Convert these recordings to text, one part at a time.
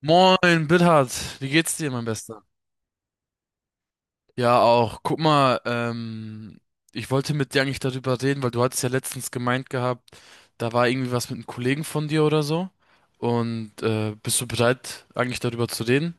Moin, Bithard, wie geht's dir, mein Bester? Ja, auch. Guck mal, ich wollte mit dir eigentlich darüber reden, weil du hattest ja letztens gemeint gehabt, da war irgendwie was mit einem Kollegen von dir oder so. Und bist du bereit, eigentlich darüber zu reden?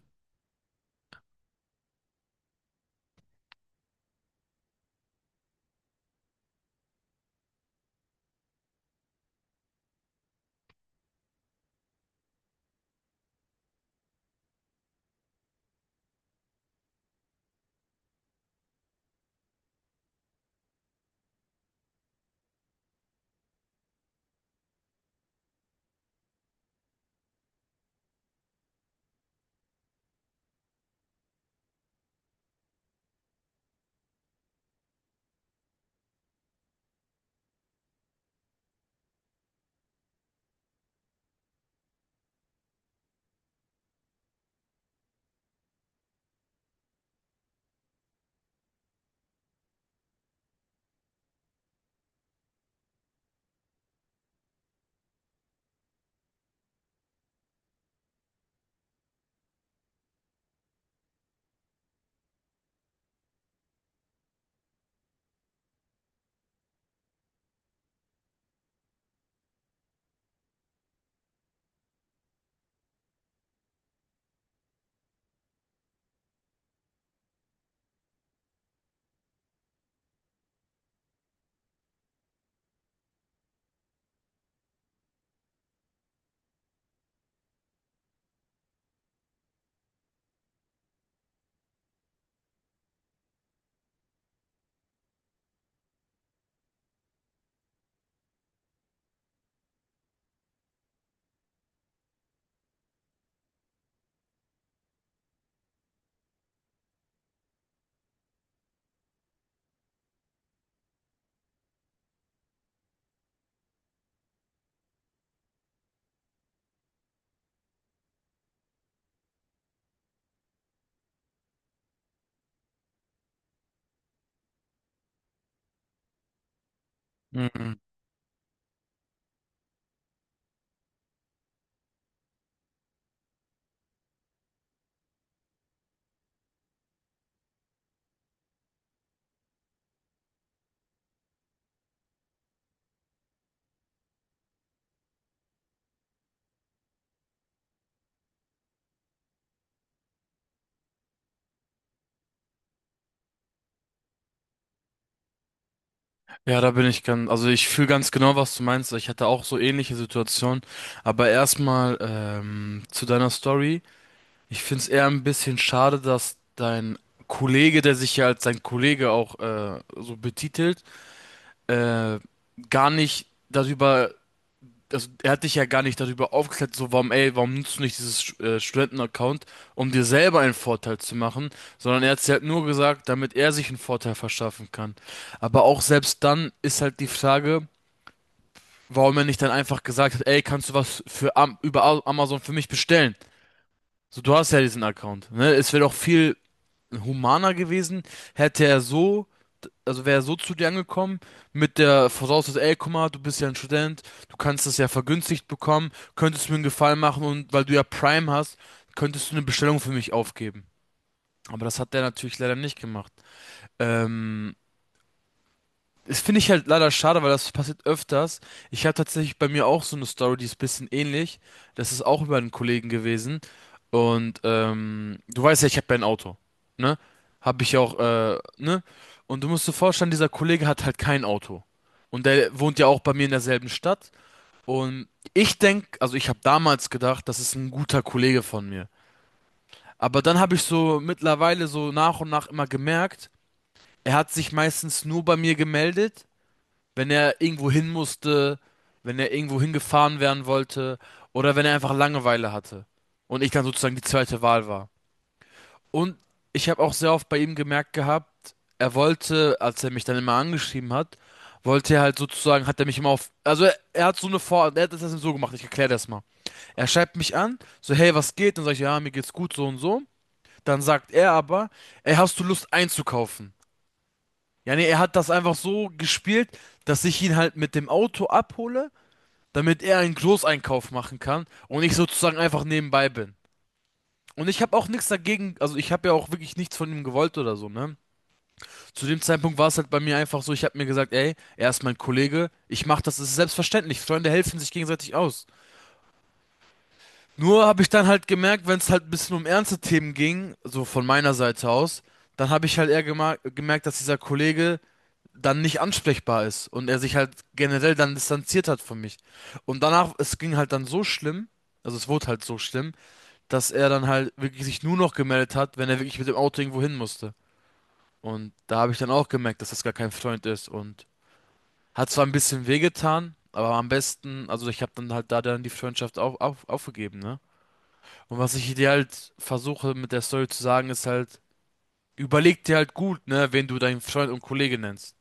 Mhm. Ja, da bin ich ganz, also ich fühle ganz genau, was du meinst. Ich hatte auch so ähnliche Situationen. Aber erstmal zu deiner Story. Ich finde es eher ein bisschen schade, dass dein Kollege, der sich ja als dein Kollege auch so betitelt, äh, gar nicht darüber, also er hat dich ja gar nicht darüber aufgeklärt, so warum, ey, warum nutzt du nicht dieses Studenten-Account, um dir selber einen Vorteil zu machen, sondern er hat es halt nur gesagt, damit er sich einen Vorteil verschaffen kann. Aber auch selbst dann ist halt die Frage, warum er nicht dann einfach gesagt hat, ey, kannst du was für Amazon für mich bestellen? So, du hast ja diesen Account, ne? Es wäre doch viel humaner gewesen, hätte er so, also wäre er so zu dir angekommen, mit der Voraussetzung, ey, guck mal, du bist ja ein Student, du kannst das ja vergünstigt bekommen, könntest du mir einen Gefallen machen und weil du ja Prime hast, könntest du eine Bestellung für mich aufgeben. Aber das hat der natürlich leider nicht gemacht. Ähm, Das finde ich halt leider schade, weil das passiert öfters. Ich habe tatsächlich bei mir auch so eine Story, die ist ein bisschen ähnlich. Das ist auch über einen Kollegen gewesen. Und du weißt ja, ich habe ja ein Auto. Ne? Habe ich auch, ne? Und du musst dir vorstellen, dieser Kollege hat halt kein Auto. Und der wohnt ja auch bei mir in derselben Stadt. Und ich denk, also ich habe damals gedacht, das ist ein guter Kollege von mir. Aber dann habe ich so mittlerweile so nach und nach immer gemerkt, er hat sich meistens nur bei mir gemeldet, wenn er irgendwo hin musste, wenn er irgendwo hingefahren werden wollte oder wenn er einfach Langeweile hatte und ich dann sozusagen die zweite Wahl war. Und ich habe auch sehr oft bei ihm gemerkt gehabt, er wollte, als er mich dann immer angeschrieben hat, wollte er halt sozusagen, hat er mich immer auf, also er hat so eine Vor, er hat das so gemacht, ich erkläre das mal. Er schreibt mich an, so hey, was geht? Dann sage ich, ja, mir geht's gut, so und so. Dann sagt er aber, ey, hast du Lust einzukaufen? Ja, nee, er hat das einfach so gespielt, dass ich ihn halt mit dem Auto abhole, damit er einen Großeinkauf machen kann und ich sozusagen einfach nebenbei bin. Und ich habe auch nichts dagegen, also ich habe ja auch wirklich nichts von ihm gewollt oder so, ne? Zu dem Zeitpunkt war es halt bei mir einfach so, ich habe mir gesagt, ey, er ist mein Kollege, ich mach das, das ist selbstverständlich, Freunde helfen sich gegenseitig aus. Nur habe ich dann halt gemerkt, wenn es halt ein bisschen um ernste Themen ging, so von meiner Seite aus, dann habe ich halt eher gemerkt, dass dieser Kollege dann nicht ansprechbar ist und er sich halt generell dann distanziert hat von mich. Und danach, es ging halt dann so schlimm, also es wurde halt so schlimm, dass er dann halt wirklich sich nur noch gemeldet hat, wenn er wirklich mit dem Auto irgendwo hin musste. Und da habe ich dann auch gemerkt, dass das gar kein Freund ist und hat zwar ein bisschen wehgetan, aber am besten, also ich habe dann halt da dann die Freundschaft aufgegeben, ne? Und was ich dir halt versuche mit der Story zu sagen, ist halt, überleg dir halt gut, ne, wen du deinen Freund und Kollege nennst.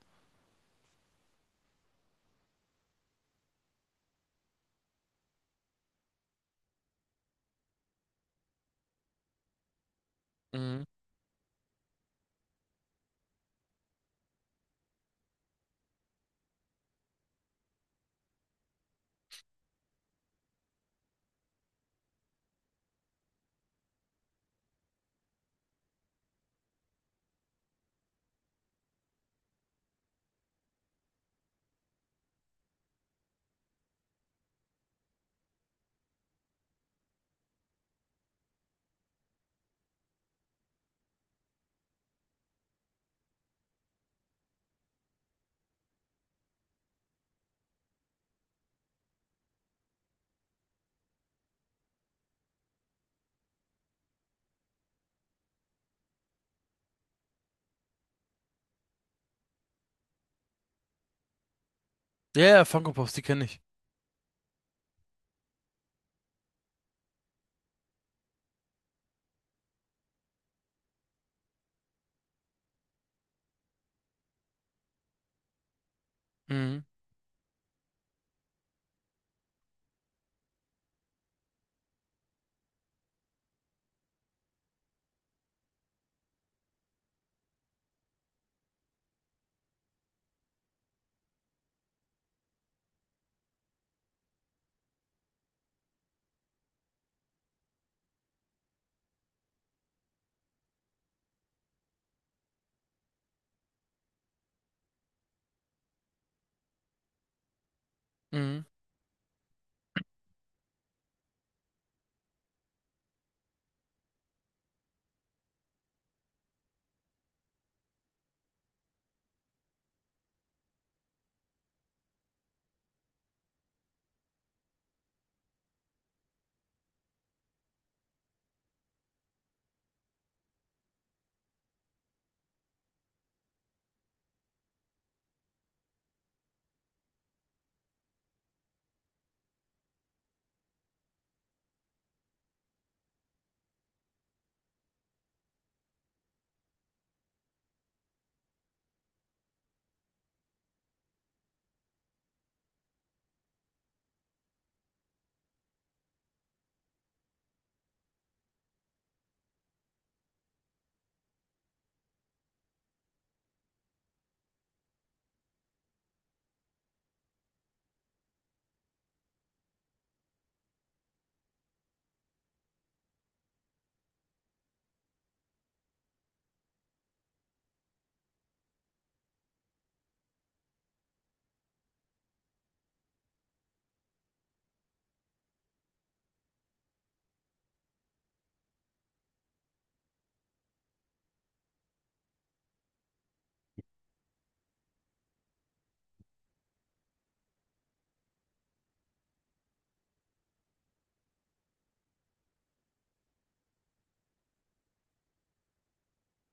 Mhm. Ja, ja, Funko Pops, die kenne ich. Mhm. Mhm.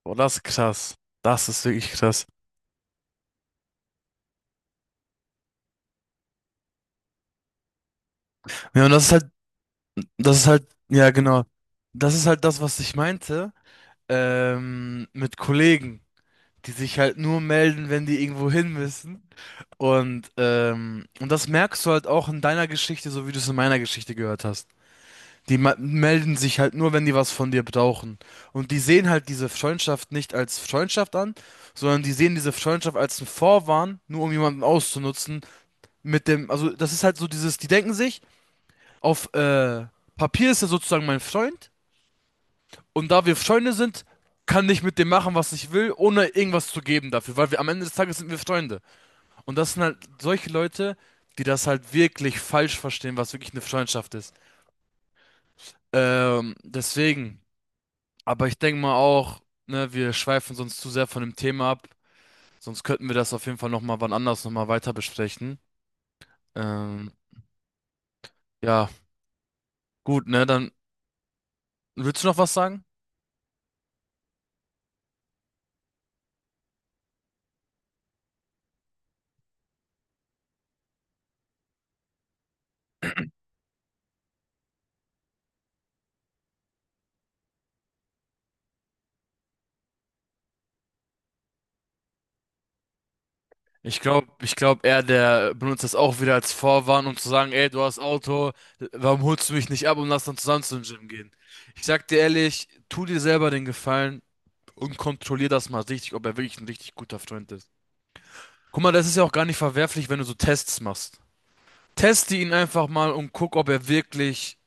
Boah, das ist krass. Das ist wirklich krass. Ja, und das ist halt, ja, genau. Das ist halt das, was ich meinte, mit Kollegen, die sich halt nur melden, wenn die irgendwo hin müssen. Und das merkst du halt auch in deiner Geschichte, so wie du es in meiner Geschichte gehört hast. Die melden sich halt nur, wenn die was von dir brauchen. Und die sehen halt diese Freundschaft nicht als Freundschaft an, sondern die sehen diese Freundschaft als einen Vorwand, nur um jemanden auszunutzen mit dem, also das ist halt so dieses, die denken sich, auf Papier ist er sozusagen mein Freund und da wir Freunde sind, kann ich mit dem machen, was ich will, ohne irgendwas zu geben dafür, weil wir am Ende des Tages sind wir Freunde. Und das sind halt solche Leute, die das halt wirklich falsch verstehen, was wirklich eine Freundschaft ist. Deswegen, aber ich denke mal auch, ne, wir schweifen sonst zu sehr von dem Thema ab, sonst könnten wir das auf jeden Fall nochmal wann anders nochmal weiter besprechen. Ähm, ja, gut, ne, dann willst du noch was sagen? Ich glaube, er, der benutzt das auch wieder als Vorwand, um zu sagen, ey, du hast Auto, warum holst du mich nicht ab und lass dann zusammen zum Gym gehen? Ich sag dir ehrlich, tu dir selber den Gefallen und kontrollier das mal richtig, ob er wirklich ein richtig guter Freund ist. Guck mal, das ist ja auch gar nicht verwerflich, wenn du so Tests machst. Teste ihn einfach mal und guck, ob er wirklich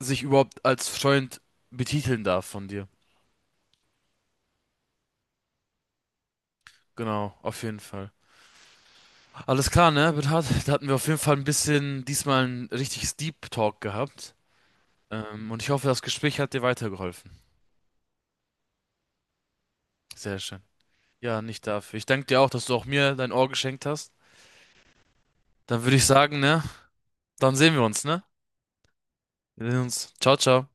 sich überhaupt als Freund betiteln darf von dir. Genau, auf jeden Fall. Alles klar, ne, Bernhard? Da hatten wir auf jeden Fall ein bisschen diesmal ein richtiges Deep Talk gehabt. Und ich hoffe, das Gespräch hat dir weitergeholfen. Sehr schön. Ja, nicht dafür. Ich danke dir auch, dass du auch mir dein Ohr geschenkt hast. Dann würde ich sagen, ne? Dann sehen wir uns, ne? Wir sehen uns. Ciao, ciao.